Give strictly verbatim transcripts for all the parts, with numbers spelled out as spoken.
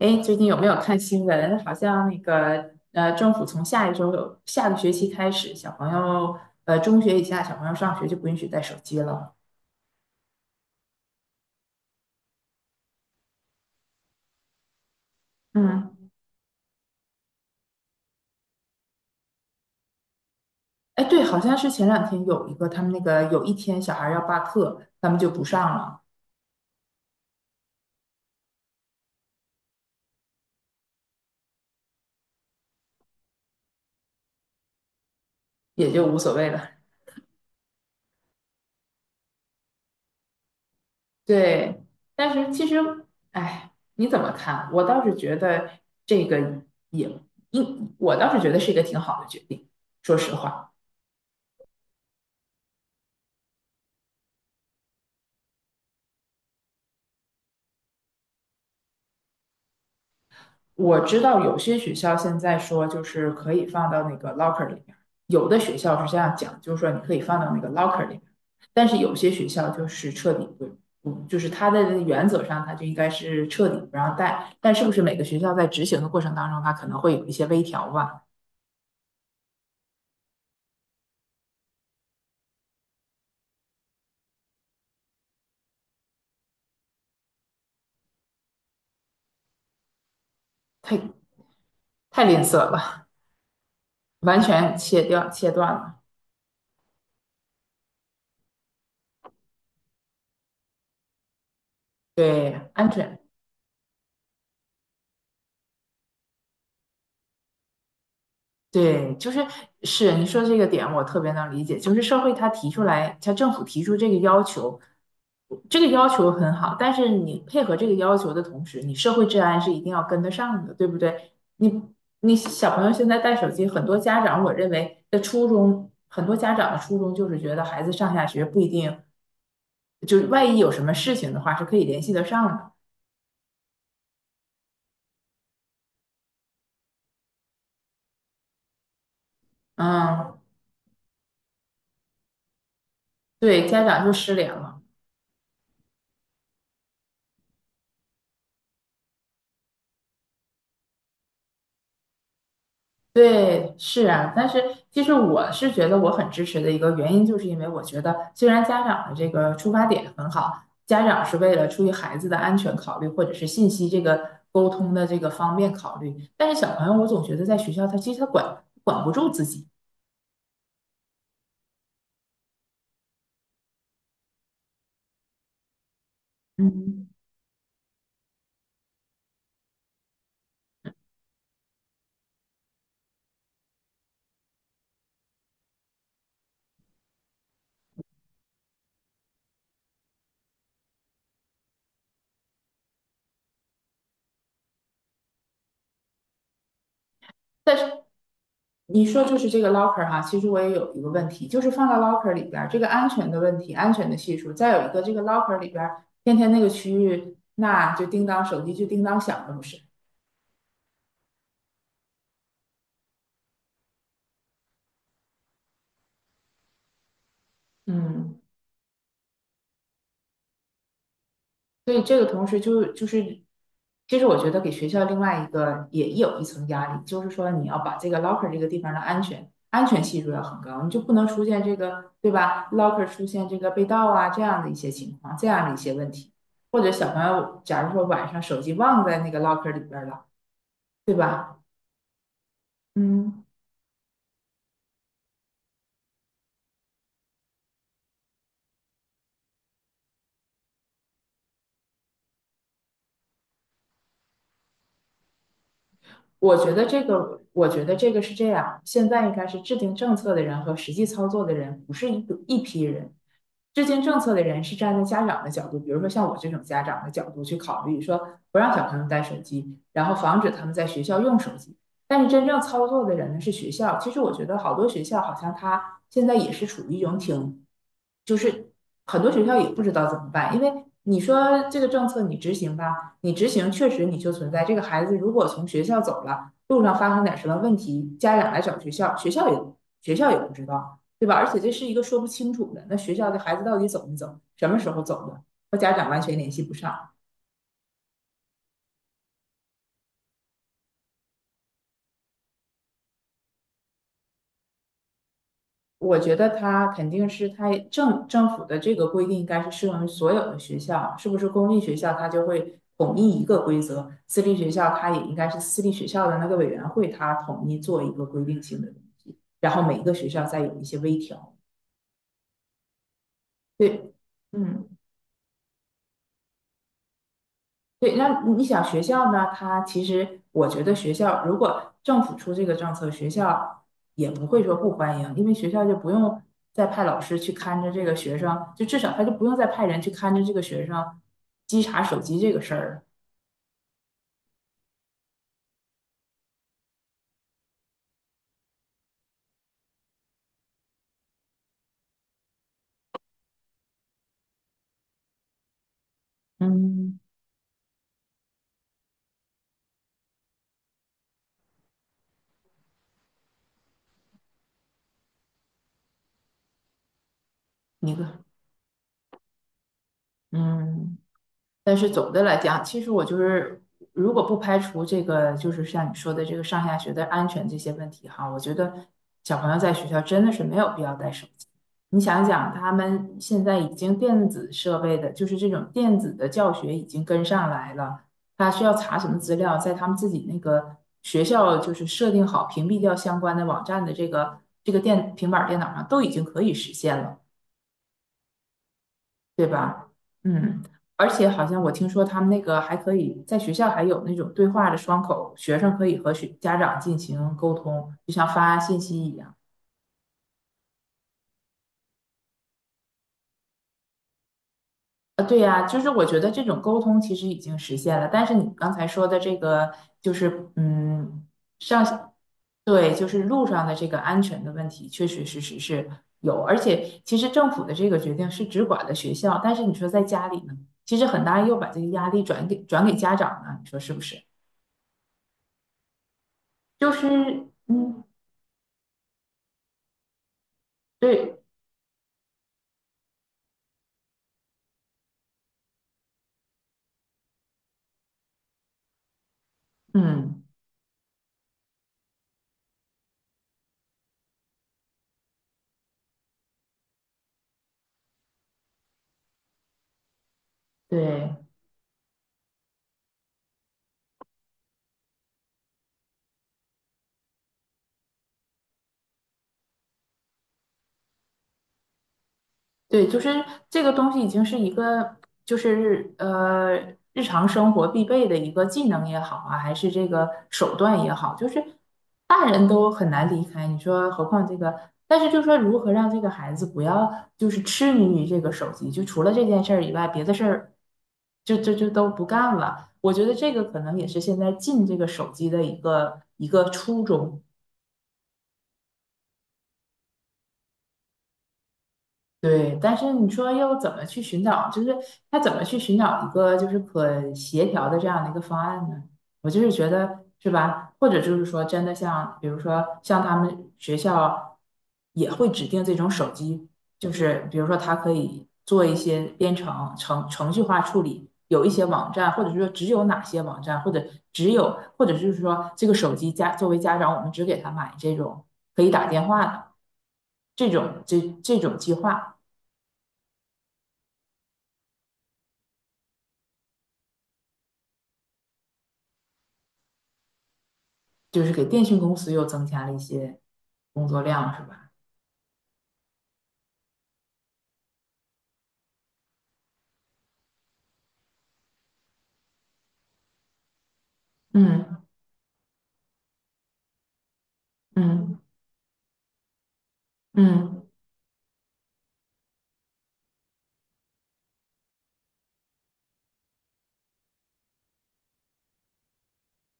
哎，最近有没有看新闻？好像那个呃，政府从下一周有下个学期开始，小朋友呃，中学以下小朋友上学就不允许带手机了。嗯，哎，对，好像是前两天有一个他们那个有一天小孩要罢课，他们就不上了，也就无所谓了。对，但是其实，哎，你怎么看？我倒是觉得这个也应，我倒是觉得是一个挺好的决定，说实话。我知道有些学校现在说就是可以放到那个 locker 里面，有的学校是这样讲，就是说你可以放到那个 locker 里面，但是有些学校就是彻底不，嗯，就是它的原则上它就应该是彻底不让带，但是不是每个学校在执行的过程当中，它可能会有一些微调吧？太太吝啬了，完全切掉切断了，对安全对，就是是你说这个点，我特别能理解。就是社会它提出来，它政府提出这个要求，这个要求很好，但是你配合这个要求的同时，你社会治安是一定要跟得上的，对不对？你你小朋友现在带手机，很多家长我认为的初衷，很多家长的初衷就是觉得孩子上下学不一定，就是万一有什么事情的话是可以联系得上的。嗯，对，家长就失联了。对，是啊，但是其实我是觉得我很支持的一个原因，就是因为我觉得虽然家长的这个出发点很好，家长是为了出于孩子的安全考虑，或者是信息这个沟通的这个方便考虑，但是小朋友我总觉得在学校他其实他管管不住自己，嗯，但是你说就是这个 locker 哈，其实我也有一个问题，就是放到 locker 里边儿这个安全的问题，安全的系数，再有一个这个 locker 里边儿天天那个区域，那就叮当手机就叮当响了，不是？嗯。所以这个同时就就是，其实我觉得给学校另外一个也有一层压力，就是说你要把这个 locker 这个地方的安全安全系数要很高，你就不能出现这个对吧？locker 出现这个被盗啊这样的一些情况，这样的一些问题，或者小朋友假如说晚上手机忘在那个 locker 里边了，对吧？嗯，我觉得这个，我觉得这个是这样，现在应该是制定政策的人和实际操作的人不是一一批人。制定政策的人是站在家长的角度，比如说像我这种家长的角度去考虑，说不让小朋友带手机，然后防止他们在学校用手机。但是真正操作的人呢是学校。其实我觉得好多学校好像他现在也是处于一种挺，就是很多学校也不知道怎么办，因为你说这个政策你执行吧，你执行确实你就存在这个孩子如果从学校走了，路上发生点什么问题，家长来找学校，学校也学校也不知道。对吧？而且这是一个说不清楚的，那学校的孩子到底走没走，什么时候走的，和家长完全联系不上。我觉得他肯定是他政政府的这个规定应该是适用于所有的学校，是不是公立学校他就会统一一个规则，私立学校他也应该是私立学校的那个委员会他统一做一个规定性的东西，然后每一个学校再有一些微调。对，嗯。对，那你想学校呢？他其实我觉得学校如果政府出这个政策，学校也不会说不欢迎，因为学校就不用再派老师去看着这个学生，就至少他就不用再派人去看着这个学生稽查手机这个事儿了。嗯，你个，嗯。但是总的来讲，其实我就是，如果不排除这个，就是像你说的这个上下学的安全这些问题哈，我觉得小朋友在学校真的是没有必要带手机。你想想，他们现在已经电子设备的，就是这种电子的教学已经跟上来了，他需要查什么资料，在他们自己那个学校就是设定好屏蔽掉相关的网站的这个这个电平板电脑上都已经可以实现了。对吧？嗯，而且好像我听说他们那个还可以在学校还有那种对话的窗口，学生可以和学家长进行沟通，就像发信息一样。啊，对呀，就是我觉得这种沟通其实已经实现了，但是你刚才说的这个就是嗯，上，对，就是路上的这个安全的问题，确确实实是有，而且其实政府的这个决定是只管的学校，但是你说在家里呢，其实很大又把这个压力转给转给家长了，你说是不是？就是嗯，对，嗯，对，对，就是这个东西已经是一个，就是呃，日常生活必备的一个技能也好啊，还是这个手段也好，就是大人都很难离开，你说何况这个，但是就说如何让这个孩子不要就是痴迷于这个手机，就除了这件事儿以外，别的事儿就就就都不干了。我觉得这个可能也是现在禁这个手机的一个一个初衷。对，但是你说要怎么去寻找，就是他怎么去寻找一个就是可协调的这样的一个方案呢？我就是觉得是吧？或者就是说真的像，比如说像他们学校也会指定这种手机，就是比如说它可以做一些编程程程序化处理，有一些网站，或者是说只有哪些网站，或者只有或者就是说这个手机家作为家长，我们只给他买这种可以打电话的这种这这种计划。就是给电信公司又增加了一些工作量，是吧？嗯嗯嗯，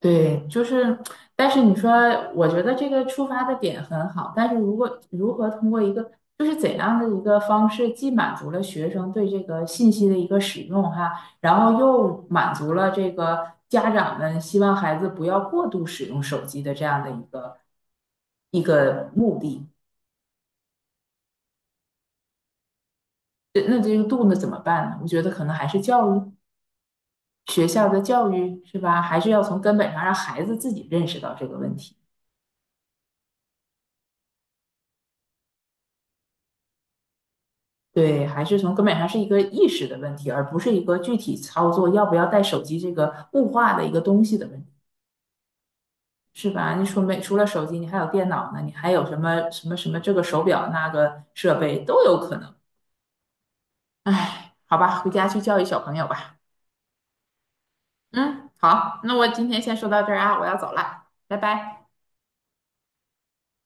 对，就是，但是你说，我觉得这个出发的点很好，但是如果如何通过一个，就是怎样的一个方式，既满足了学生对这个信息的一个使用哈，然后又满足了这个家长们希望孩子不要过度使用手机的这样的一个一个目的，这那这个度呢怎么办呢？我觉得可能还是教育。学校的教育是吧？还是要从根本上让孩子自己认识到这个问题。对，还是从根本上是一个意识的问题，而不是一个具体操作要不要带手机这个物化的一个东西的问题，是吧？你说没除了手机，你还有电脑呢，你还有什么什么什么这个手表那个设备都有可能。哎，好吧，回家去教育小朋友吧。嗯，好，那我今天先说到这儿啊，我要走了，拜拜。